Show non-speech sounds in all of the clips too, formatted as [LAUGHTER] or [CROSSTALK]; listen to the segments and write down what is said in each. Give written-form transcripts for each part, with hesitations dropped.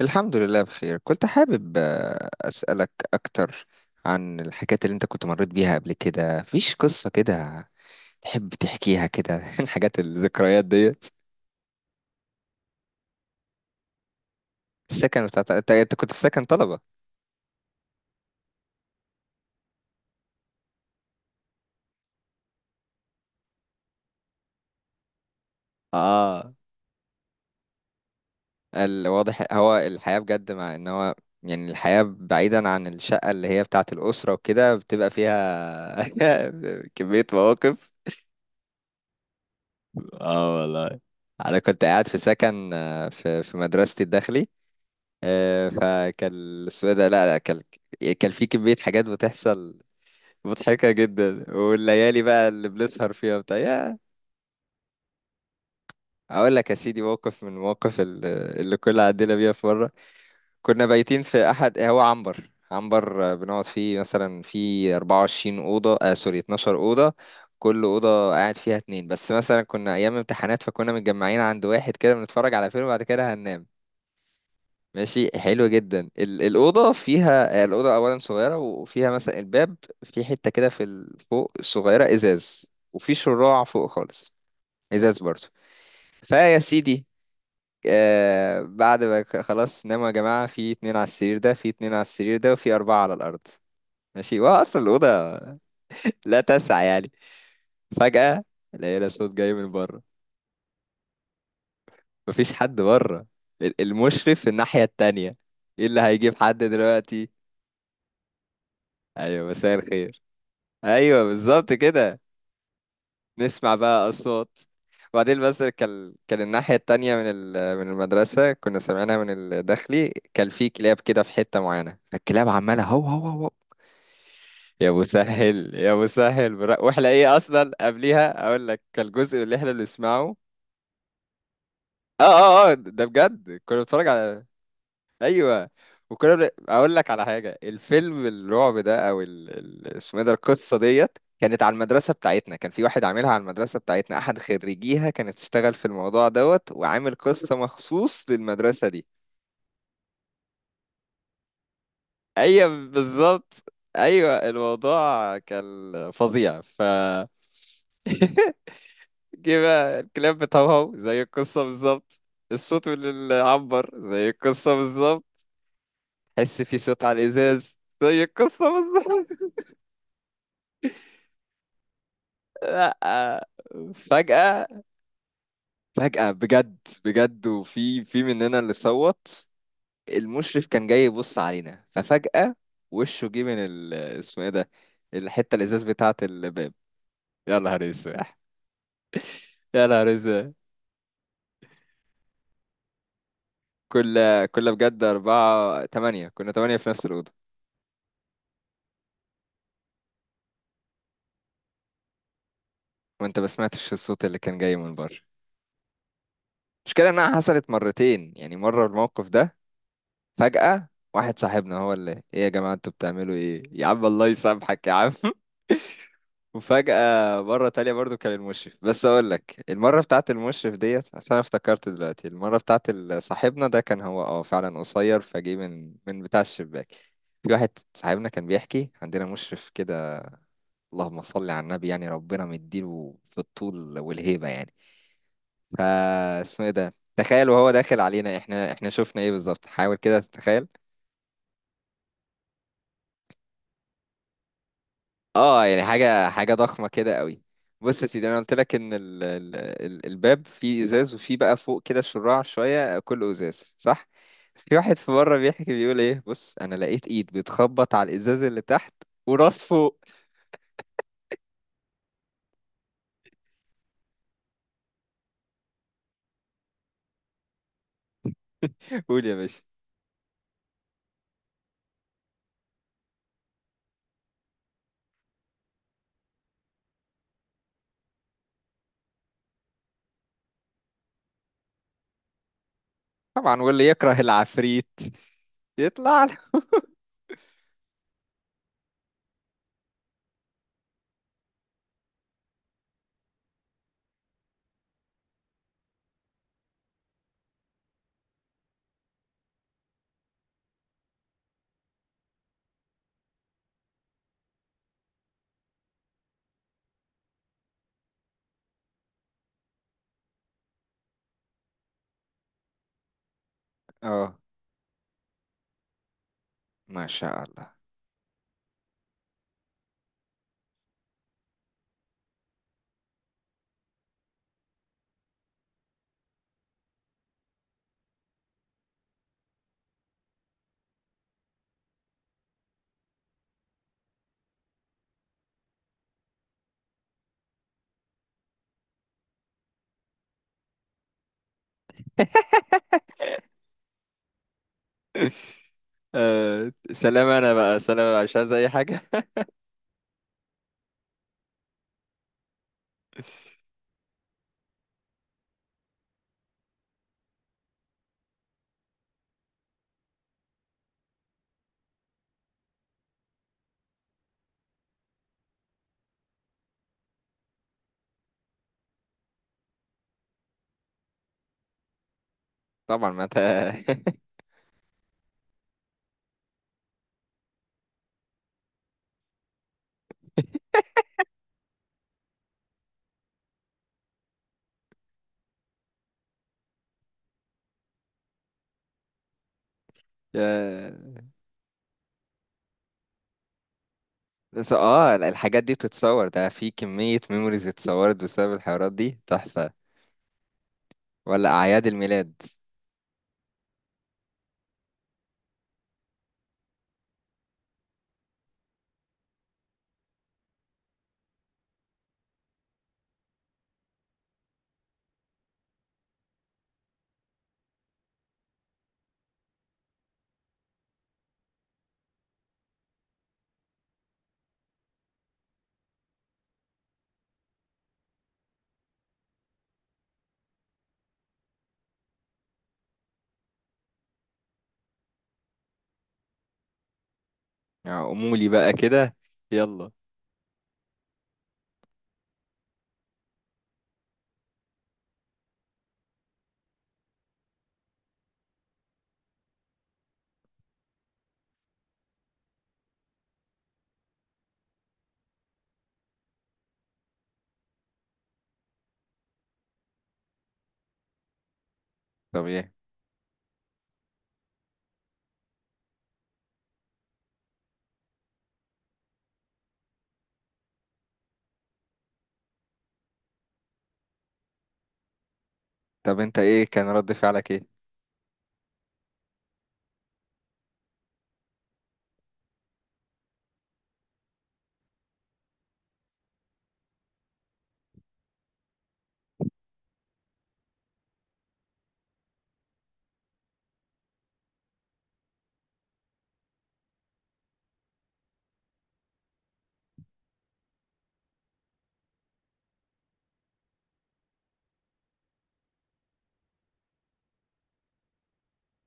الحمد لله بخير. كنت حابب أسألك أكتر عن الحاجات اللي أنت كنت مريت بيها قبل كده، فيش قصة كده تحب تحكيها كده؟ [LAUGHS] الحاجات الذكريات ديت. السكن بتاع أنت كنت في سكن طلبة؟ آه الواضح هو الحياة بجد، مع إن هو يعني الحياة بعيدا عن الشقة اللي هي بتاعة الأسرة وكده بتبقى فيها [LAUGHS] كمية مواقف. اه والله. أنا كنت قاعد في سكن، في في مدرستي الداخلي. فكان اسمه إيه ده، لا لا، كان في كمية حاجات بتحصل مضحكة جدا، والليالي بقى اللي بنسهر فيها بتاع يا. اقول لك يا سيدي، موقف من المواقف اللي كنا عدينا بيها. في مرة كنا بايتين في احد، هو عنبر، بنقعد فيه مثلا في 24 أوضة، سوري، 12 أوضة. كل أوضة قاعد فيها اتنين بس. مثلا كنا أيام امتحانات، فكنا متجمعين عند واحد كده بنتفرج على فيلم وبعد كده هننام. ماشي، حلو جدا. الأوضة فيها، الأوضة أولا صغيرة، وفيها مثلا الباب في حتة كده في فوق صغيرة إزاز، وفي شراع فوق خالص إزاز برضه. فيا سيدي، بعد ما خلاص ناموا يا جماعة، في اتنين على السرير ده، في اتنين على السرير ده، وفي أربعة على الأرض. ماشي، وهو أصلا الأوضة لا تسع يعني. فجأة لقينا صوت جاي من بره. مفيش حد بره، المشرف في الناحية التانية، ايه اللي هيجيب حد دلوقتي؟ أيوة، مساء الخير، ايوه بالظبط كده. نسمع بقى اصوات. وبعدين بس كان الناحيه التانية من من المدرسه كنا سامعينها من الداخلي، كان في كلاب كده في حته معينه، فالكلاب عماله هو هو هو، يا مسهل يا مسهل برا، واحنا ايه اصلا. قبليها اقول لك، كان الجزء اللي احنا بنسمعه. اه اه اه، ده بجد كنا بنتفرج على، ايوه، وكنا اقول لك على حاجه. الفيلم الرعب ده او اسمه ايه ده، القصه ديت كانت على المدرسه بتاعتنا، كان في واحد عاملها على المدرسه بتاعتنا، احد خريجيها، كانت تشتغل في الموضوع دوت وعامل قصه مخصوص للمدرسه دي. ايوه بالظبط. ايوه الموضوع كان فظيع، ف [LAUGHS] جه بقى الكلاب بتهوهو زي القصه بالظبط، الصوت اللي عبر زي القصه بالظبط، حس في صوت على الازاز زي القصه بالظبط. لا، فجأة فجأة بجد، بجد، وفي في مننا اللي صوت المشرف كان جاي يبص علينا. ففجأة وشه جه من ال، اسمه ايه ده، الحتة الإزاز بتاعة الباب. يا نهار اسود، يا نهار اسود. كل كل بجد، أربعة، تمانية، كنا تمانية في نفس الأوضة. وأنت ما سمعتش الصوت اللي كان جاي من بره؟ المشكلة إنها حصلت مرتين يعني. مرة الموقف ده، فجأة واحد صاحبنا هو اللي: ايه يا جماعة انتوا بتعملوا ايه؟ يا عم الله يسامحك يا عم. وفجأة مرة تانية برضو كان المشرف. بس أقول لك المرة بتاعت المشرف ديت، عشان أنا افتكرت دلوقتي، المرة بتاعت صاحبنا ده، كان هو فعلا قصير، فجه من بتاع الشباك. في واحد صاحبنا كان بيحكي، عندنا مشرف كده، اللهم صل على النبي، يعني ربنا مديله في الطول والهيبة يعني. فا اسمه ايه ده، تخيل وهو داخل علينا احنا شفنا ايه بالظبط، حاول كده تتخيل. اه يعني حاجة ضخمة كده قوي. بص يا سيدي، انا قلت لك ان ال ال ال الباب فيه ازاز، وفيه بقى فوق كده شراع شوية، كله ازاز صح؟ في واحد في بره بيحكي بيقول ايه؟ بص، انا لقيت ايد بتخبط على الازاز اللي تحت وراس فوق. قول يا باشا. طبعا، واللي يكره العفريت يطلع له. اه ما شاء الله. آه سلام، انا بقى سلام، مش عايز اي حاجة. [LAUGHS] طبعا ما انت. [LAUGHS] يا بس الحاجات دي بتتصور، ده في كمية ميموريز اتصورت بسبب الحوارات دي تحفة، ولا أعياد الميلاد يعني أمولي بقى كده، يلا. طب ايه؟ طب انت ايه كان رد فعلك ايه؟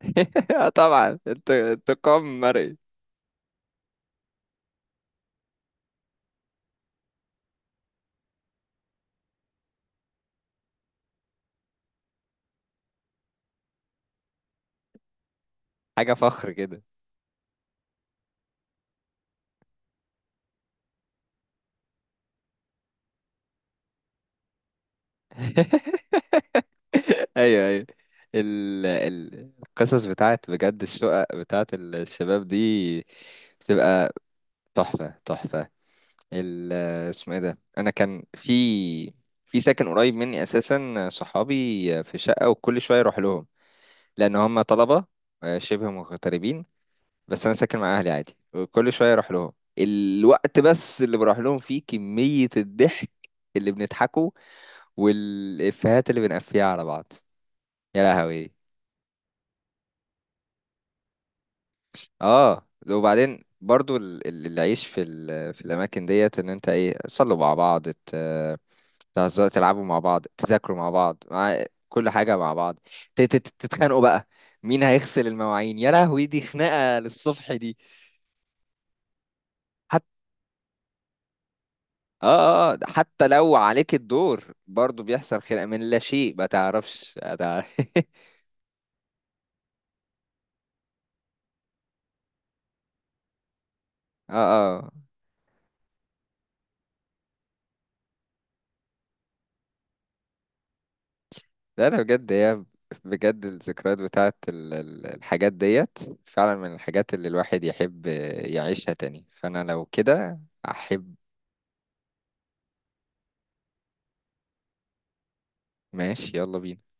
[LAUGHS] آه طبعا، انت انتقام مرئي. حاجة فخر كده. [LAUGHS] ايوه، ايوه. القصص بتاعت بجد الشقق بتاعت الشباب دي بتبقى تحفة، تحفة. ال اسمه ايه ده، انا كان في في ساكن قريب مني اساسا، صحابي في شقه، وكل شويه اروح لهم لان هم طلبه، شبه مغتربين، بس انا ساكن مع اهلي عادي، وكل شويه اروح لهم. الوقت بس اللي بروح لهم فيه، كميه الضحك اللي بنضحكه والافيهات اللي بنقفيها على بعض، يا لهوي. اه، وبعدين برضو العيش في في الاماكن ديت، ان انت ايه، تصلوا مع بعض، تهزروا، تلعبوا مع بعض، تذاكروا مع بعض، مع كل حاجه مع بعض، تتخانقوا بقى، مين هيغسل المواعين. يا لهوي، دي خناقه للصبح دي. حتى اه اه حتى لو عليك الدور برضو بيحصل خناقه من لا شيء، ما تعرفش [LAUGHS] اه اه. لا لا، بجد هي، بجد الذكريات بتاعت الحاجات ديت فعلا من الحاجات اللي الواحد يحب يعيشها تاني، فأنا لو كده أحب. ماشي، يلا بينا.